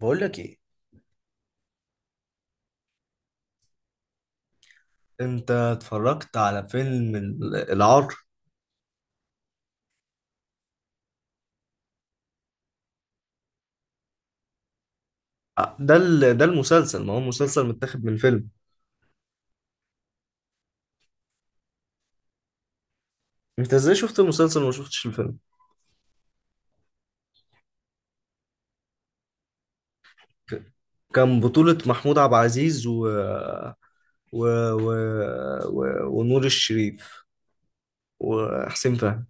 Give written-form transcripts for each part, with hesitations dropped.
بقول لك ايه. انت اتفرجت على فيلم العار؟ آه، ده المسلسل، ما هو مسلسل متاخد من فيلم. انت ازاي شفت المسلسل وما شفتش الفيلم؟ ك- كان بطولة محمود عبد العزيز و... و... و... ونور الشريف وحسين فهمي.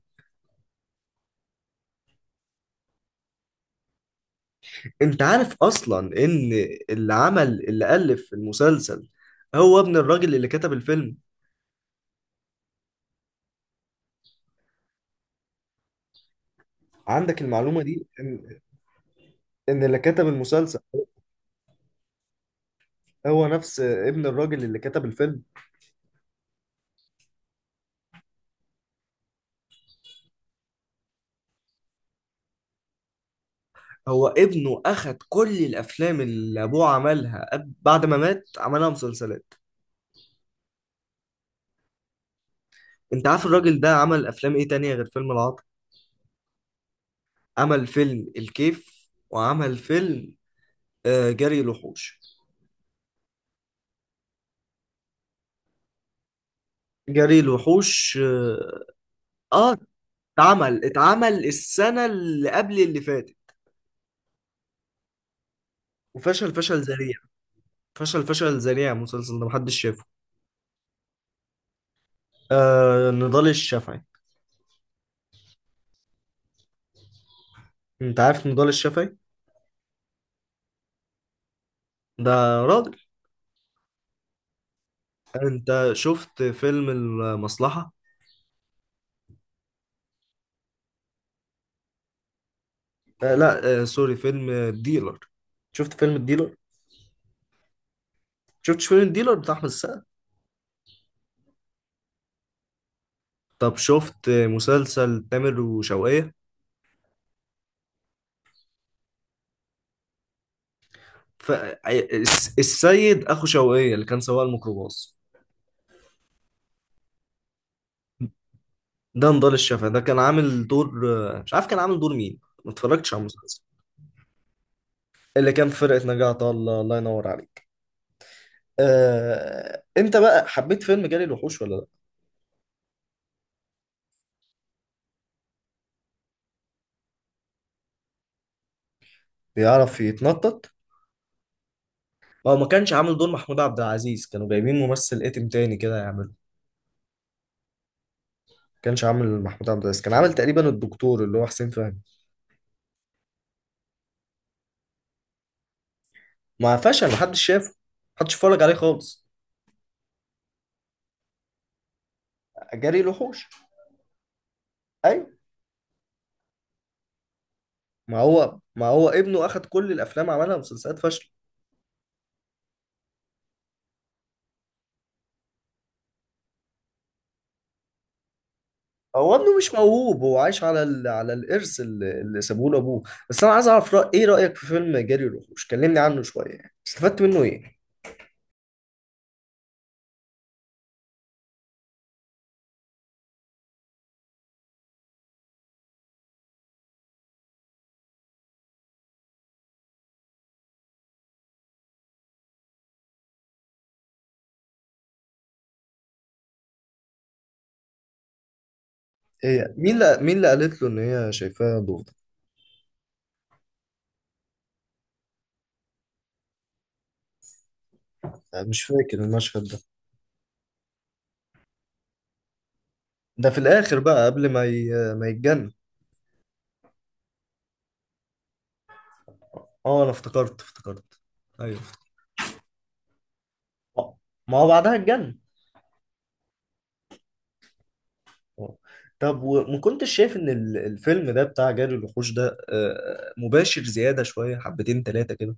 انت عارف اصلا ان اللي عمل اللي الف المسلسل هو ابن الراجل اللي كتب الفيلم. عندك المعلومة دي، إن اللي كتب المسلسل هو نفس ابن الراجل اللي كتب الفيلم. هو ابنه اخد كل الافلام اللي ابوه عملها، بعد ما مات عملها مسلسلات. انت عارف الراجل ده عمل افلام ايه تانية غير فيلم العطار؟ عمل فيلم الكيف، وعمل فيلم جري الوحوش. جري الوحوش، اه. آه، اتعمل السنة اللي قبل اللي فاتت، وفشل فشل ذريع. فشل فشل ذريع، المسلسل ده محدش شافه. آه، نضال الشافعي. انت عارف نضال الشافعي؟ ده راجل. انت شفت فيلم المصلحة؟ آه لا آه سوري، فيلم الديلر. شفت فيلم الديلر؟ شفتش فيلم الديلر بتاع احمد السقا؟ طب شفت مسلسل تامر وشوقية؟ ف آه، السيد اخو شوقية اللي كان سواق الميكروباص، ده نضال الشافعي. ده كان عامل دور. مش عارف كان عامل دور مين، ما اتفرجتش على المسلسل. اللي كان في فرقة نجاة عطا الله، الله ينور عليك. انت بقى حبيت فيلم جري الوحوش ولا لا؟ بيعرف يتنطط. هو ما كانش عامل دور محمود عبد العزيز، كانوا جايبين ممثل اتم تاني كده يعمله. كانش عامل محمود عبد العزيز، كان عامل تقريبا الدكتور اللي هو حسين فهمي. ما فشل، محدش شافه، محدش اتفرج عليه خالص. جري الوحوش. ايوه. ما هو ابنه اخد كل الافلام، عملها مسلسلات فاشله. هو ابنه مش موهوب، هو عايش على على الارث اللي سابوه له ابوه. بس انا عايز اعرف ايه رايك في فيلم جري الوحوش؟ كلمني عنه شويه، يعني استفدت منه ايه؟ هي مين اللي قالت له ان هي شايفاه ضوضاء؟ أنا مش فاكر المشهد ده. ده في الاخر بقى قبل ما ما يتجنن. اه انا افتكرت افتكرت. ايوه. ما هو بعدها اتجنن. آه. طب وما كنتش شايف ان الفيلم ده بتاع جري الوحوش ده مباشر زياده شويه، حبتين ثلاثه كده؟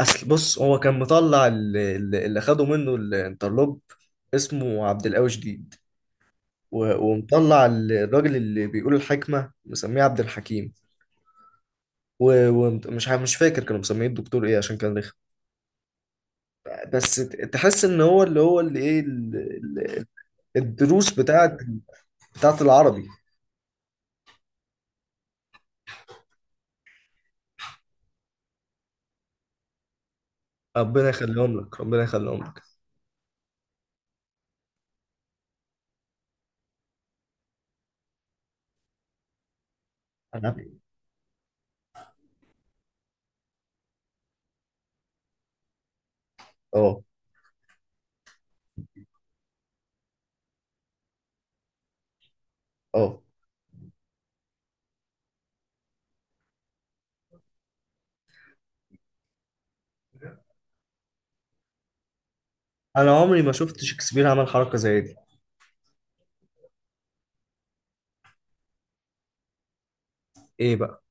اصل بص، هو كان مطلع اللي خده منه الانترلوب اسمه عبد القوي شديد، ومطلع الراجل اللي بيقول الحكمه مسميه عبد الحكيم، ومش مش فاكر كانوا مسميه الدكتور ايه عشان كان رخم. بس تحس ان هو اللي ايه ال- الدروس بتاعت العربي. ربنا يخليهم لك، ربنا يخليهم لك. انا اه اه انا عمري ما شفت شكسبير عمل حركه زي دي. ايه بقى؟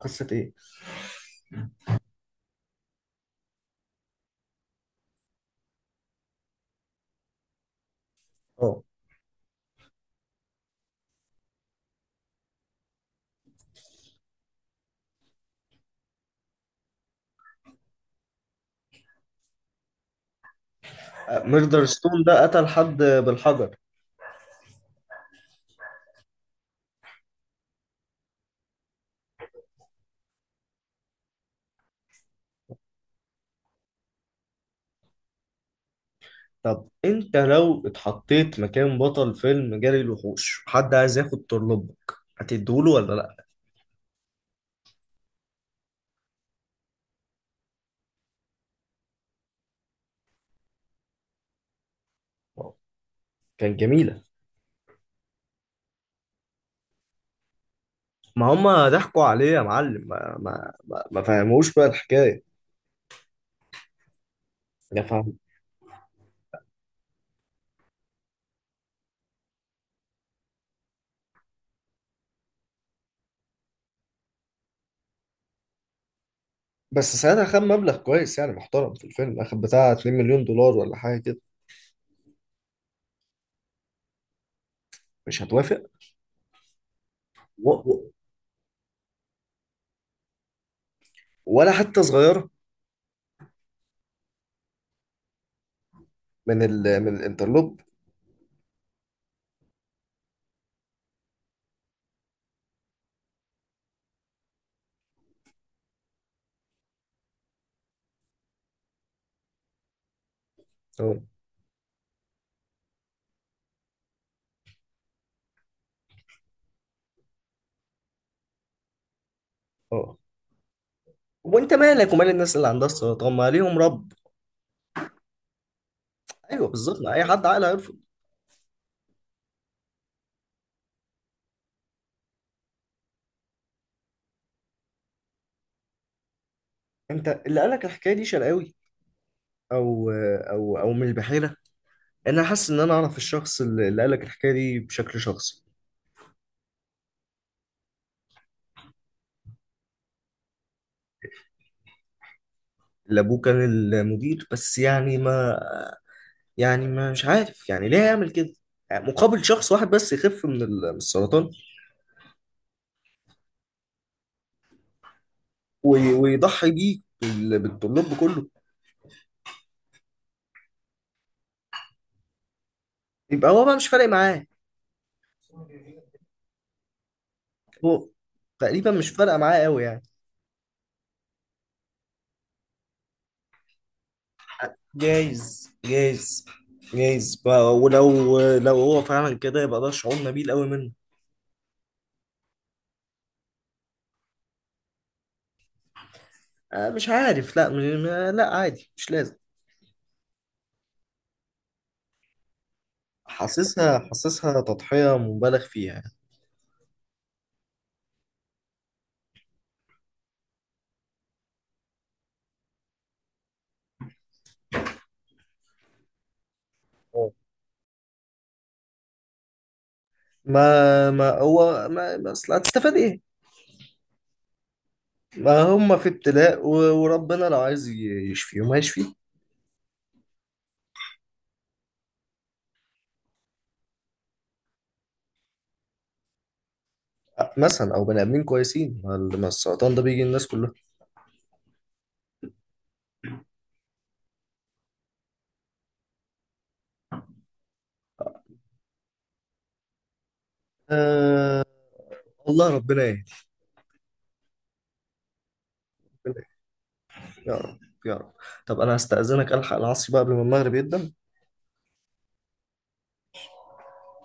قصه ايه؟ اه، ميردر ستون ده قتل حد بالحجر؟ طب انت لو اتحطيت مكان بطل فيلم جري الوحوش، حد عايز ياخد طرلبك، هتديهوله ولا لا؟ آه. كان جميلة. ما هم ضحكوا عليه يا معلم، ما فهموش بقى الحكاية، يا فاهم. بس ساعتها خد مبلغ كويس يعني محترم، في الفيلم اخد بتاع 2 مليون دولار ولا حاجه كده. مش هتوافق؟ و... و... ولا حتى صغيرة من من الانترلوب؟ اه، اه. وانت مالك ومال الناس اللي عندها السرطان؟ ما ليهم رب. ايوه بالظبط، ما اي حد عاقل هيرفض. انت اللي قالك الحكايه دي شرقاوي، او من البحيره؟ انا حاسس ان انا اعرف الشخص اللي قالك الحكايه دي بشكل شخصي. اللي ابوه كان المدير؟ بس يعني ما، يعني ما، مش عارف يعني ليه يعمل كده. يعني مقابل شخص واحد بس يخف من من السرطان؟ ويضحي بيه بالطلاب كله. يبقى هو بقى مش فارق معاه. هو تقريبا مش فارقه معاه قوي يعني. جايز، جايز، جايز بقى. ولو هو فعلا كده، يبقى ده شعور نبيل قوي منه. آه، مش عارف، لا لا، عادي، مش لازم. حاسسها تضحية مبالغ فيها يعني. آه. ما ما هو ما ما اصل هتستفاد ايه؟ ما هم في ابتلاء، وربنا لو عايز يشفيهم هيشفيه. آه، مثلا، او بني ادمين كويسين، ما ما السرطان ده بيجي الناس كلها. أه... والله ربنا يهدي. يا رب، يا رب. طب انا هستأذنك الحق العصر بقى قبل ما المغرب يبدأ.